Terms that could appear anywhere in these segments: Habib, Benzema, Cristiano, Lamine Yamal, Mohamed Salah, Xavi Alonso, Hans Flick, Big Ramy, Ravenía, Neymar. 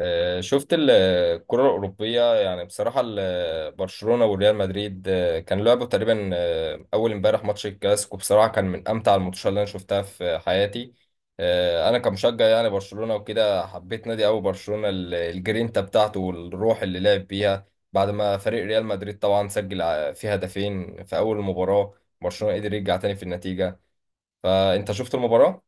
شفت الكرة الأوروبية، يعني بصراحة برشلونة وريال مدريد كان لعبوا تقريبا أول امبارح ماتش الكلاسيكو، بصراحة كان من أمتع الماتشات اللي أنا شفتها في حياتي. أنا كمشجع يعني برشلونة وكده، حبيت نادي أوي برشلونة، الجرينتا بتاعته والروح اللي لعب بيها بعد ما فريق ريال مدريد طبعا سجل فيه هدفين في أول المباراة. برشلونة قدر يرجع تاني في النتيجة. فأنت شفت المباراة؟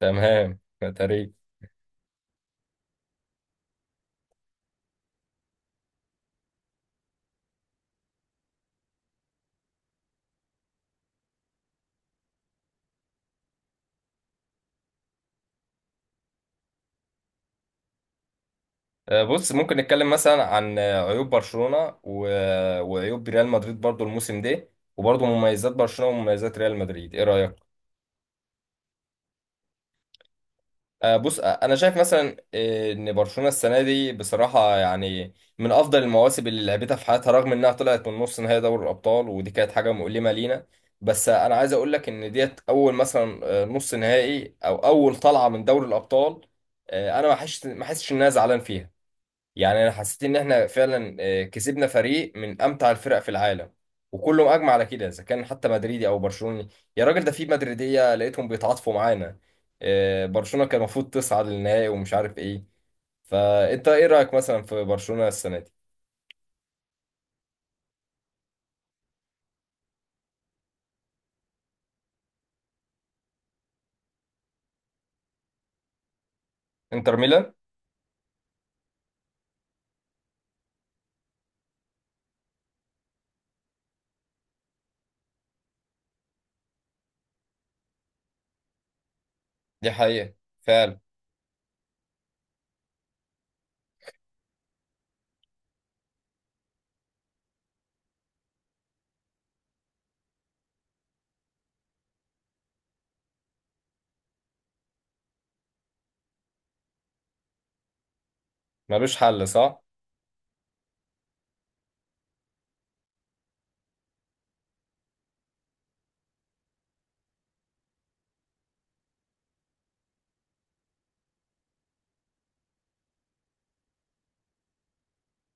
تمام. تاريخ. بص، ممكن نتكلم مثلا عن عيوب برشلونة و... آه، وعيوب ريال مدريد برضو الموسم ده، وبرضو مميزات برشلونة ومميزات ريال مدريد. ايه رأيك؟ بص، انا شايف مثلا ان برشلونة السنة دي بصراحة يعني من افضل المواسم اللي لعبتها في حياتها، رغم انها طلعت من نص نهائي دوري الابطال ودي كانت حاجة مؤلمة لينا. بس انا عايز اقول لك ان ديت اول مثلا نص نهائي او اول طلعة من دوري الابطال، انا ما حسش ان انا زعلان فيها. يعني انا حسيت ان احنا فعلا كسبنا فريق من امتع الفرق في العالم، وكله اجمع على كده، اذا كان حتى مدريدي او برشلوني. يا راجل، ده في مدريديه لقيتهم بيتعاطفوا معانا. برشلونه كان المفروض تصعد للنهائي، ومش عارف ايه. فانت ايه رايك مثلا في برشلونه السنه دي؟ انتر ميلان. دي حقيقه، فعلا. ملوش حل، صح.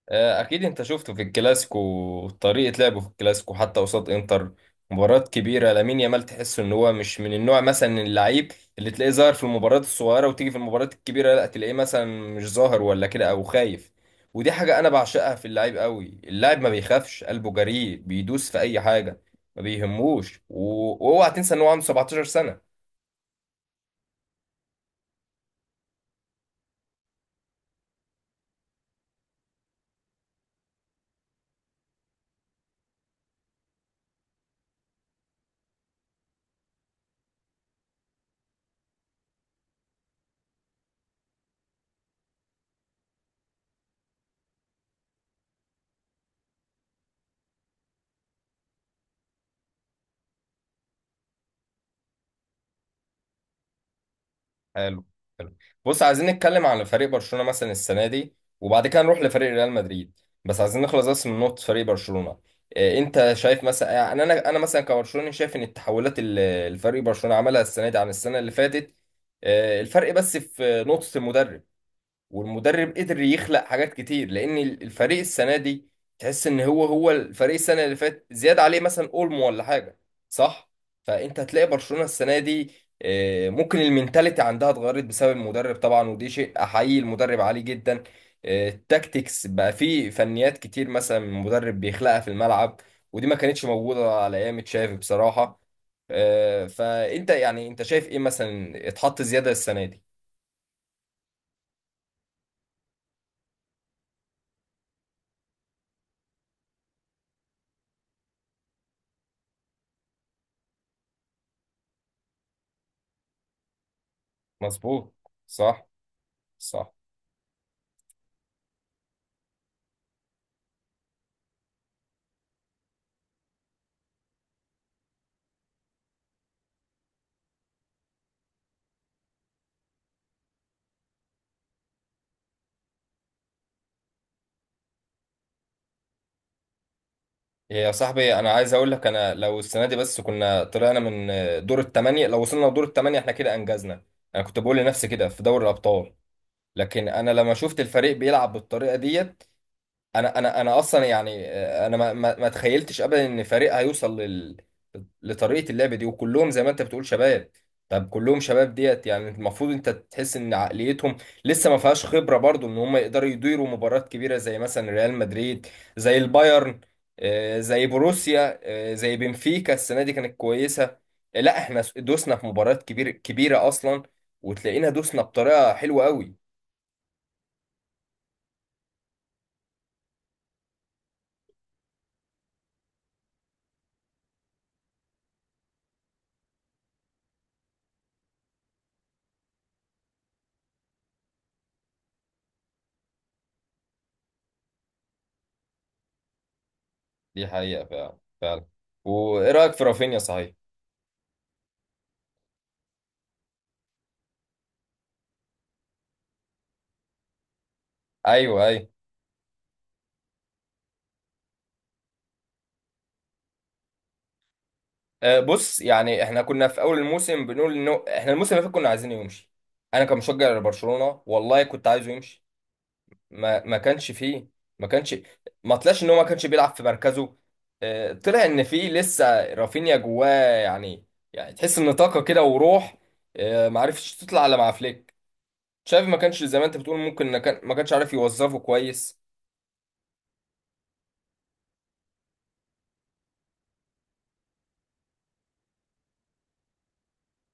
اكيد انت شفته في الكلاسيكو، طريقة لعبه في الكلاسيكو حتى قصاد انتر، مباريات كبيرة. لامين يامال تحس ان هو مش من النوع مثلا اللعيب اللي تلاقيه ظاهر في المباريات الصغيرة وتيجي في المباريات الكبيرة لا تلاقيه، مثلا مش ظاهر ولا كده او خايف. ودي حاجة انا بعشقها في اللعيب قوي، اللاعب ما بيخافش، قلبه جريء، بيدوس في اي حاجة، ما بيهموش. واوعى تنسى ان هو عنده 17 سنة. بص عايزين نتكلم على فريق برشلونة مثلا السنة دي، وبعد كده نروح لفريق ريال مدريد، بس عايزين نخلص بس من نقطة فريق برشلونة. إيه انت شايف مثلا يعني انا مثلا كبرشلوني شايف ان التحولات اللي الفريق برشلونة عملها السنة دي عن السنة اللي فاتت، إيه الفرق؟ بس في نقطة المدرب، والمدرب قدر يخلق حاجات كتير لان الفريق السنه دي تحس ان هو الفريق السنه اللي فات زياده عليه مثلا اولمو ولا حاجه، صح. فانت هتلاقي برشلونه السنه دي ممكن المينتاليتي عندها اتغيرت بسبب المدرب طبعا، ودي شيء احيي المدرب عليه جدا. التاكتكس بقى فيه فنيات كتير مثلا المدرب بيخلقها في الملعب، ودي ما كانتش موجوده على ايام تشافي بصراحه. فانت يعني، انت شايف ايه مثلا اتحط زياده السنه دي؟ مظبوط. صح، صح. إيه يا صاحبي، انا عايز اقول لك، انا لو السنه دي بس كنا طلعنا من دور الثمانيه، لو وصلنا لدور الثمانيه احنا كده انجزنا. انا كنت بقول لنفسي كده في دوري الابطال، لكن انا لما شفت الفريق بيلعب بالطريقه ديت، انا اصلا يعني انا ما تخيلتش ابدا ان فريق هيوصل لطريقه اللعب دي، وكلهم زي ما انت بتقول شباب. طب كلهم شباب ديت، يعني المفروض انت تحس ان عقليتهم لسه ما فيهاش خبره برضو، ان هم يقدروا يديروا مباريات كبيره زي مثلا ريال مدريد، زي البايرن، زي بروسيا، زي بنفيكا السنه دي كانت كويسه. لا احنا دوسنا في مباريات كبيره اصلا، وتلاقينا دوسنا بطريقه حلوه قوي. دي حقيقه، فعلا فعلا. وايه رايك في رافينيا صحيح؟ ايوه، ايوه. أه بص، يعني احنا كنا في اول الموسم بنقول انه احنا الموسم اللي فات كنا عايزينه يمشي. انا كمشجع لبرشلونه والله كنت عايزه يمشي. ما كانش فيه، ما كانش. ما طلعش ان هو ما كانش بيلعب في مركزه. أه طلع ان فيه لسه رافينيا جواه يعني يعني تحس ان طاقه كده وروح. أه ما عرفتش تطلع الا مع فليك. شافي ما كانش زي ما انت بتقول، ممكن ما كانش عارف يوظفه كويس.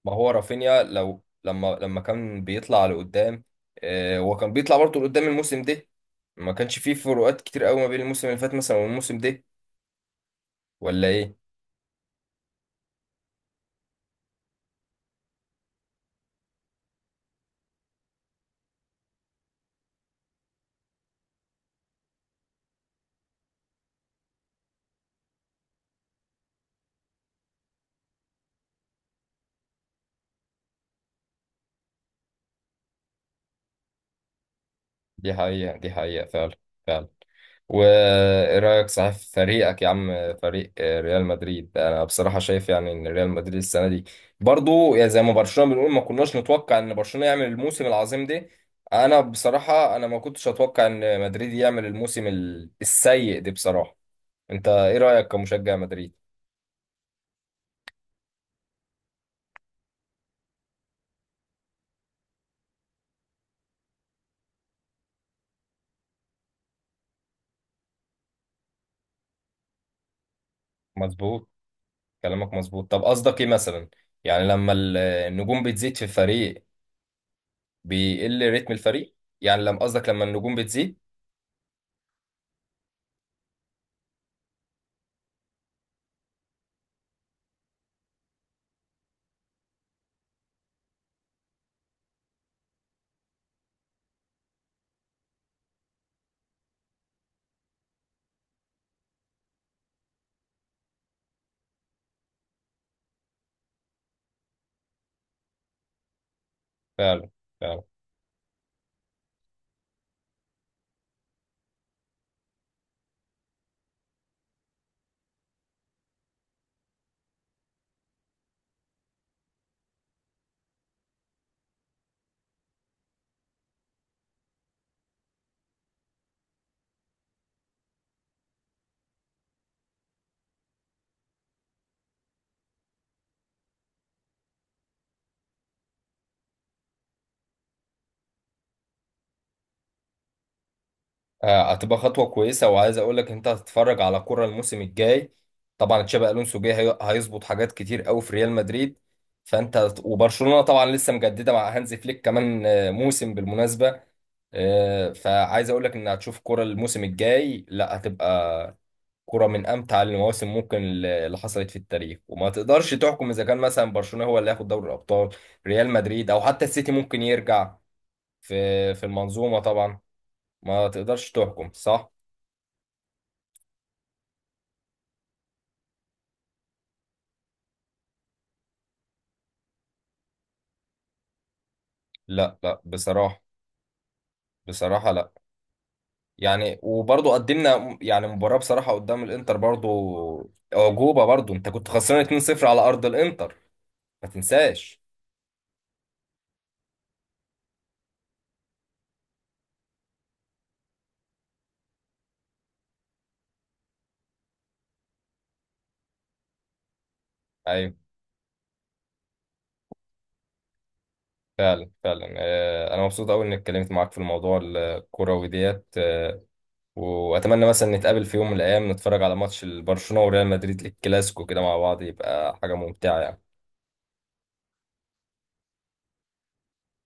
ما هو رافينيا، لو لما لما كان بيطلع لقدام، هو كان بيطلع برضه لقدام الموسم ده. ما كانش فيه فروقات كتير قوي ما بين الموسم اللي فات مثلا والموسم ده، ولا ايه؟ دي حقيقة، دي حقيقة فعلا، فعلا. وايه رأيك صحيح في فريقك يا عم؟ فريق ريال مدريد، انا بصراحة شايف يعني ان ريال مدريد السنة دي برضو يعني زي ما برشلونة، بنقول ما كناش نتوقع ان برشلونة يعمل الموسم العظيم ده. انا بصراحة انا ما كنتش اتوقع ان مدريد يعمل الموسم السيء ده بصراحة. انت ايه رأيك كمشجع مدريد؟ مظبوط، كلامك مظبوط. طب قصدك ايه مثلا، يعني لما النجوم بتزيد في الفريق بيقل رتم الفريق؟ يعني لما، قصدك لما النجوم بتزيد. فعلا، فعلا. هتبقى خطوة كويسة، وعايز اقول لك انت هتتفرج على كرة الموسم الجاي. طبعا تشابي الونسو جاي، هيظبط حاجات كتير قوي في ريال مدريد. وبرشلونة طبعا لسه مجددة مع هانز فليك كمان موسم بالمناسبة. فعايز اقول لك ان هتشوف كرة الموسم الجاي، لا هتبقى كرة من أمتع المواسم ممكن اللي حصلت في التاريخ. وما تقدرش تحكم إذا كان مثلا برشلونة هو اللي هياخد دوري الأبطال، ريال مدريد، أو حتى السيتي ممكن يرجع في المنظومة طبعا. ما تقدرش تحكم، صح؟ لا لا، بصراحة، بصراحة لا. يعني وبرضه قدمنا يعني مباراة بصراحة قدام الإنتر، برضه أعجوبة. برضه أنت كنت خسران 2-0 على أرض الإنتر، ما تنساش. أيوه، فعلا فعلا. أنا مبسوط أوي إني اتكلمت معاك في الموضوع الكروي ديت. واتمنى مثلا نتقابل في يوم من الايام، نتفرج على ماتش البرشلونه وريال مدريد الكلاسيكو كده مع بعض، يبقى حاجه ممتعه يعني.